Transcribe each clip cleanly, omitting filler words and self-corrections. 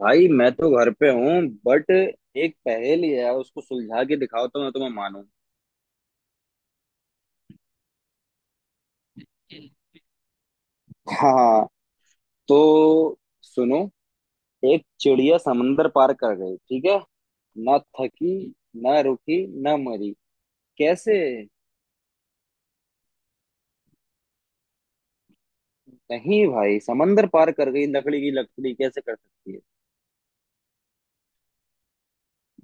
भाई मैं तो घर पे हूँ। बट एक पहेली है, उसको सुलझा के दिखाओ तो मैं तुम्हें मानूं। हाँ। तो सुनो। एक चिड़िया समंदर पार कर गई, ठीक है। ना थकी, ना रुकी, ना मरी, कैसे। नहीं भाई, समंदर पार कर गई, लकड़ी की लकड़ी कैसे कर सकती है।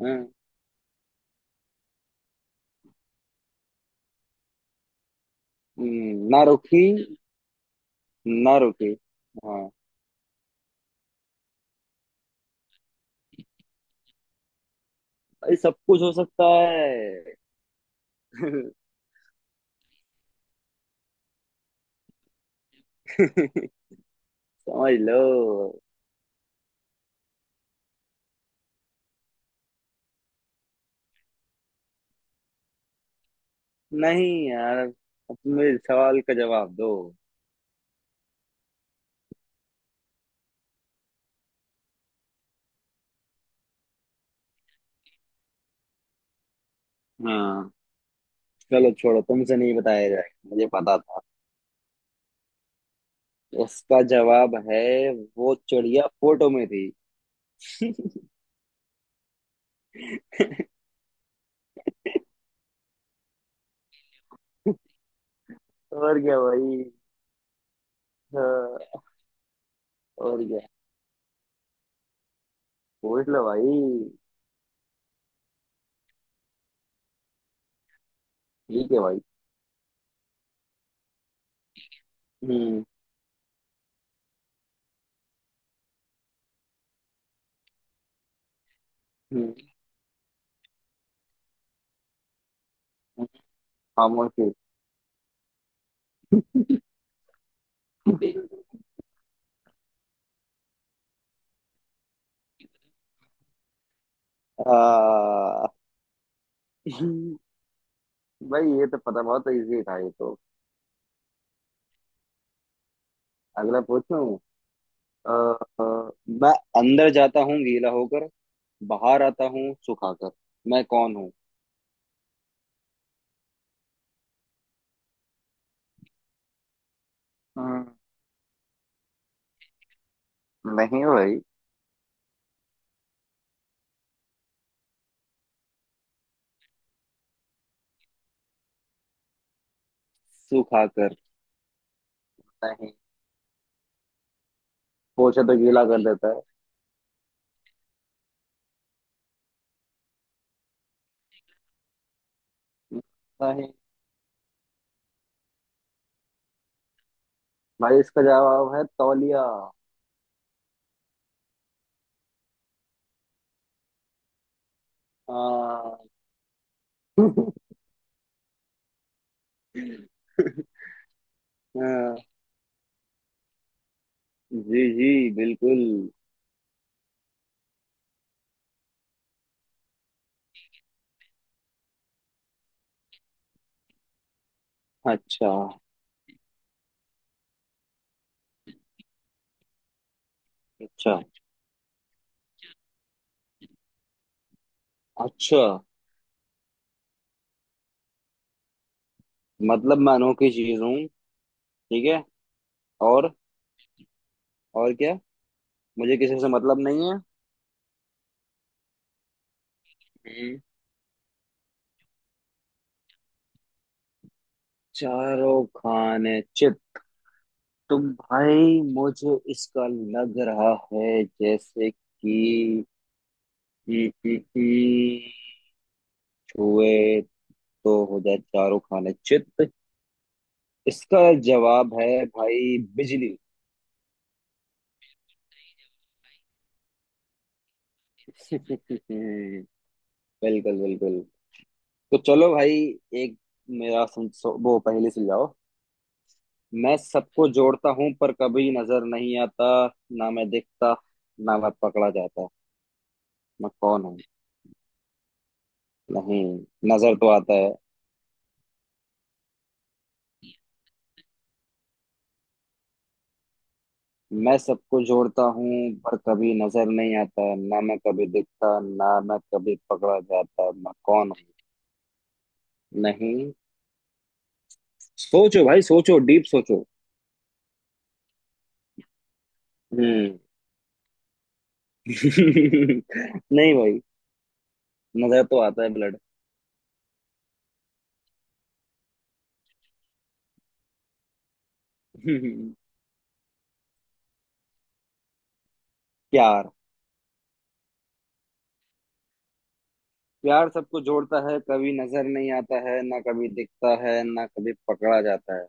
हाँ। ना रुकी। ना रुकी। हाँ। भाई सब कुछ हो सकता है। समझ लो। नहीं यार, अब तुम मेरे सवाल का जवाब दो। हाँ। चलो छोड़ो, तुमसे नहीं बताया जाएगा, मुझे पता था। इसका जवाब है, वो चिड़िया फोटो में थी। और क्या भाई। हाँ। और क्या। पूछ लो भाई। ठीक है भाई। हम्म। हम्म। खामोशी। आ, भाई ये तो पता बहुत इजी था, ये तो। अगला पूछूं। अ, अ, मैं अंदर जाता हूँ गीला होकर, बाहर आता हूँ सुखाकर, मैं कौन हूँ। हम्म, नहीं भाई, सुखाकर। नहीं। पोछा तो गीला कर देता है। नहीं भाई, इसका जवाब है तौलिया। हाँ। हाँ, जी जी, बिल्कुल। अच्छा। अच्छा। अच्छा। मतलब मैं अनोखी चीज हूँ, ठीक है। और और क्या, मुझे किसी से मतलब नहीं है। हम्म। चारों खाने चित। तो भाई मुझे इसका लग रहा है जैसे कि कि छुए तो हो जाए चारों खाने चित, इसका जवाब है भाई बिजली। बिल्कुल बिल्कुल। तो चलो भाई, एक मेरा सुन, वो पहले सुलझाओ। मैं सबको जोड़ता हूँ पर कभी नजर नहीं आता, ना मैं दिखता, ना मैं पकड़ा जाता, मैं कौन हूँ। नहीं, नजर तो आता है। मैं सबको जोड़ता हूँ पर कभी नजर नहीं आता, ना मैं कभी दिखता, ना मैं कभी पकड़ा जाता, मैं कौन हूँ। नहीं, सोचो भाई सोचो, डीप सोचो। हम्म। नहीं भाई, नजर तो आता है ब्लड। प्यार। प्यार सबको जोड़ता है, कभी नजर नहीं आता है, ना कभी दिखता है, ना कभी पकड़ा जाता है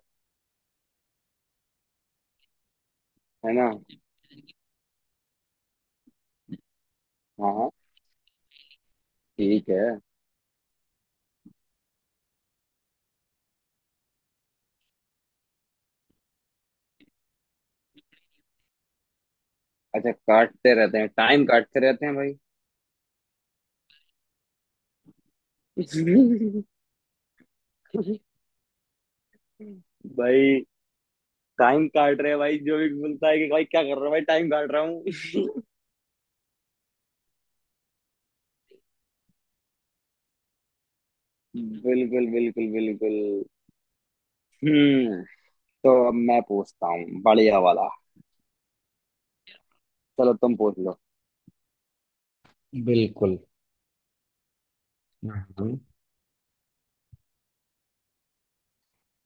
है ना। हाँ हाँ। ठीक है। अच्छा, काटते रहते हैं, टाइम काटते रहते हैं भाई। भाई टाइम काट रहे हैं भाई, जो भी बोलता है कि भाई क्या कर रहा हूँ भाई टाइम काट रहा हूँ। बिल्कुल बिल्कुल बिल्कुल। हम्म। तो अब मैं पूछता हूँ बढ़िया वाला। चलो तुम पूछ लो। बिल्कुल।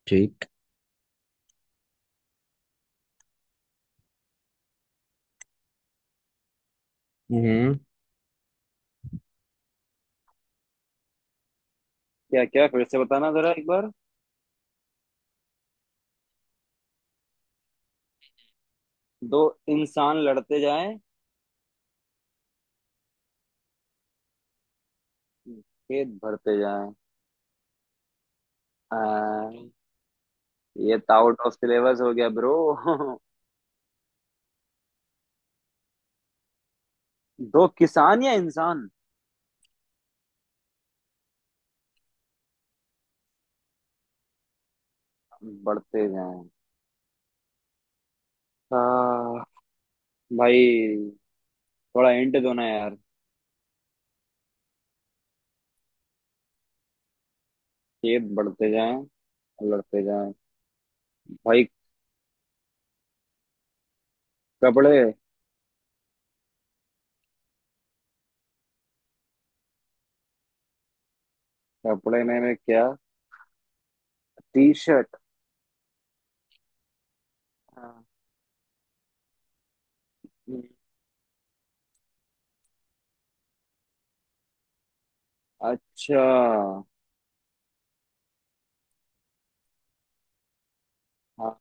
ठीक। हम्म। क्या क्या, फिर से बताना जरा एक बार। दो इंसान लड़ते जाएं, खेत भरते जाएं। आ, ये तो आउट ऑफ सिलेबस हो गया ब्रो। दो किसान या इंसान बढ़ते जाएं। आ, भाई, थोड़ा हिंट दो ना यार। खेत बढ़ते जाएं, लड़ते जाएं भाई। कपड़े। कपड़े में मैं क्या, टी शर्ट। अच्छा। हाँ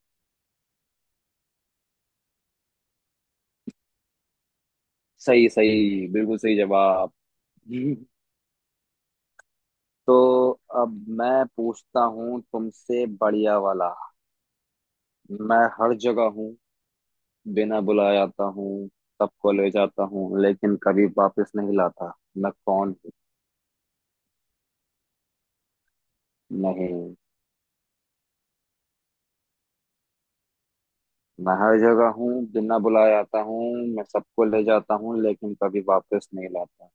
सही सही, बिल्कुल सही जवाब। तो अब मैं पूछता हूँ तुमसे बढ़िया वाला। मैं हर जगह हूँ, बिना बुलाए आता हूँ, सबको ले जाता हूँ लेकिन कभी वापस नहीं लाता, मैं कौन हूँ। नहीं। मैं हर जगह हूँ, बिना बुलाए आता हूँ, मैं सबको ले जाता हूँ लेकिन कभी वापस नहीं लाता।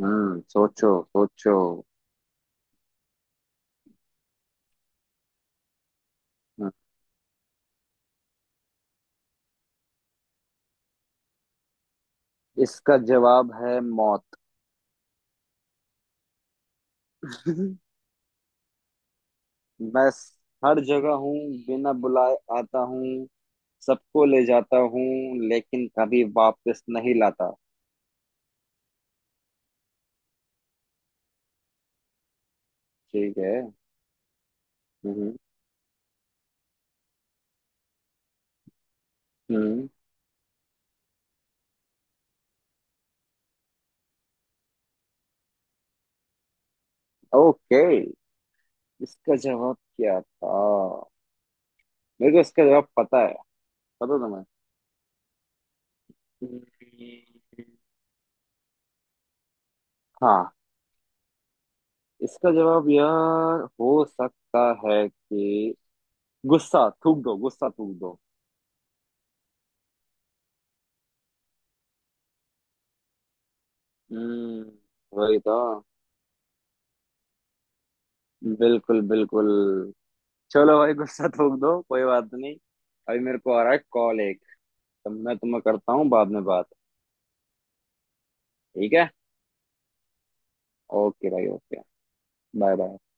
हम्म, सोचो सोचो। हम्म, इसका जवाब है मौत। मैं हर जगह हूँ, बिना बुलाए आता हूँ, सबको ले जाता हूँ, लेकिन कभी वापस नहीं लाता। ठीक है। हम्म। हम्म। ओके। इसका जवाब क्या था। मेरे को इसका जवाब पता है। पता तुम्हें। हम्म, हाँ। इसका जवाब यार हो सकता है कि गुस्सा थूक दो, गुस्सा थूक दो। हम्म। वही तो, बिल्कुल बिल्कुल। चलो भाई, गुस्सा थूक दो, कोई बात नहीं। अभी मेरे को आ रहा है कॉल एक, तो मैं तुम्हें करता हूँ बाद में बात। ठीक है। ओके भाई ओके। Bye bye.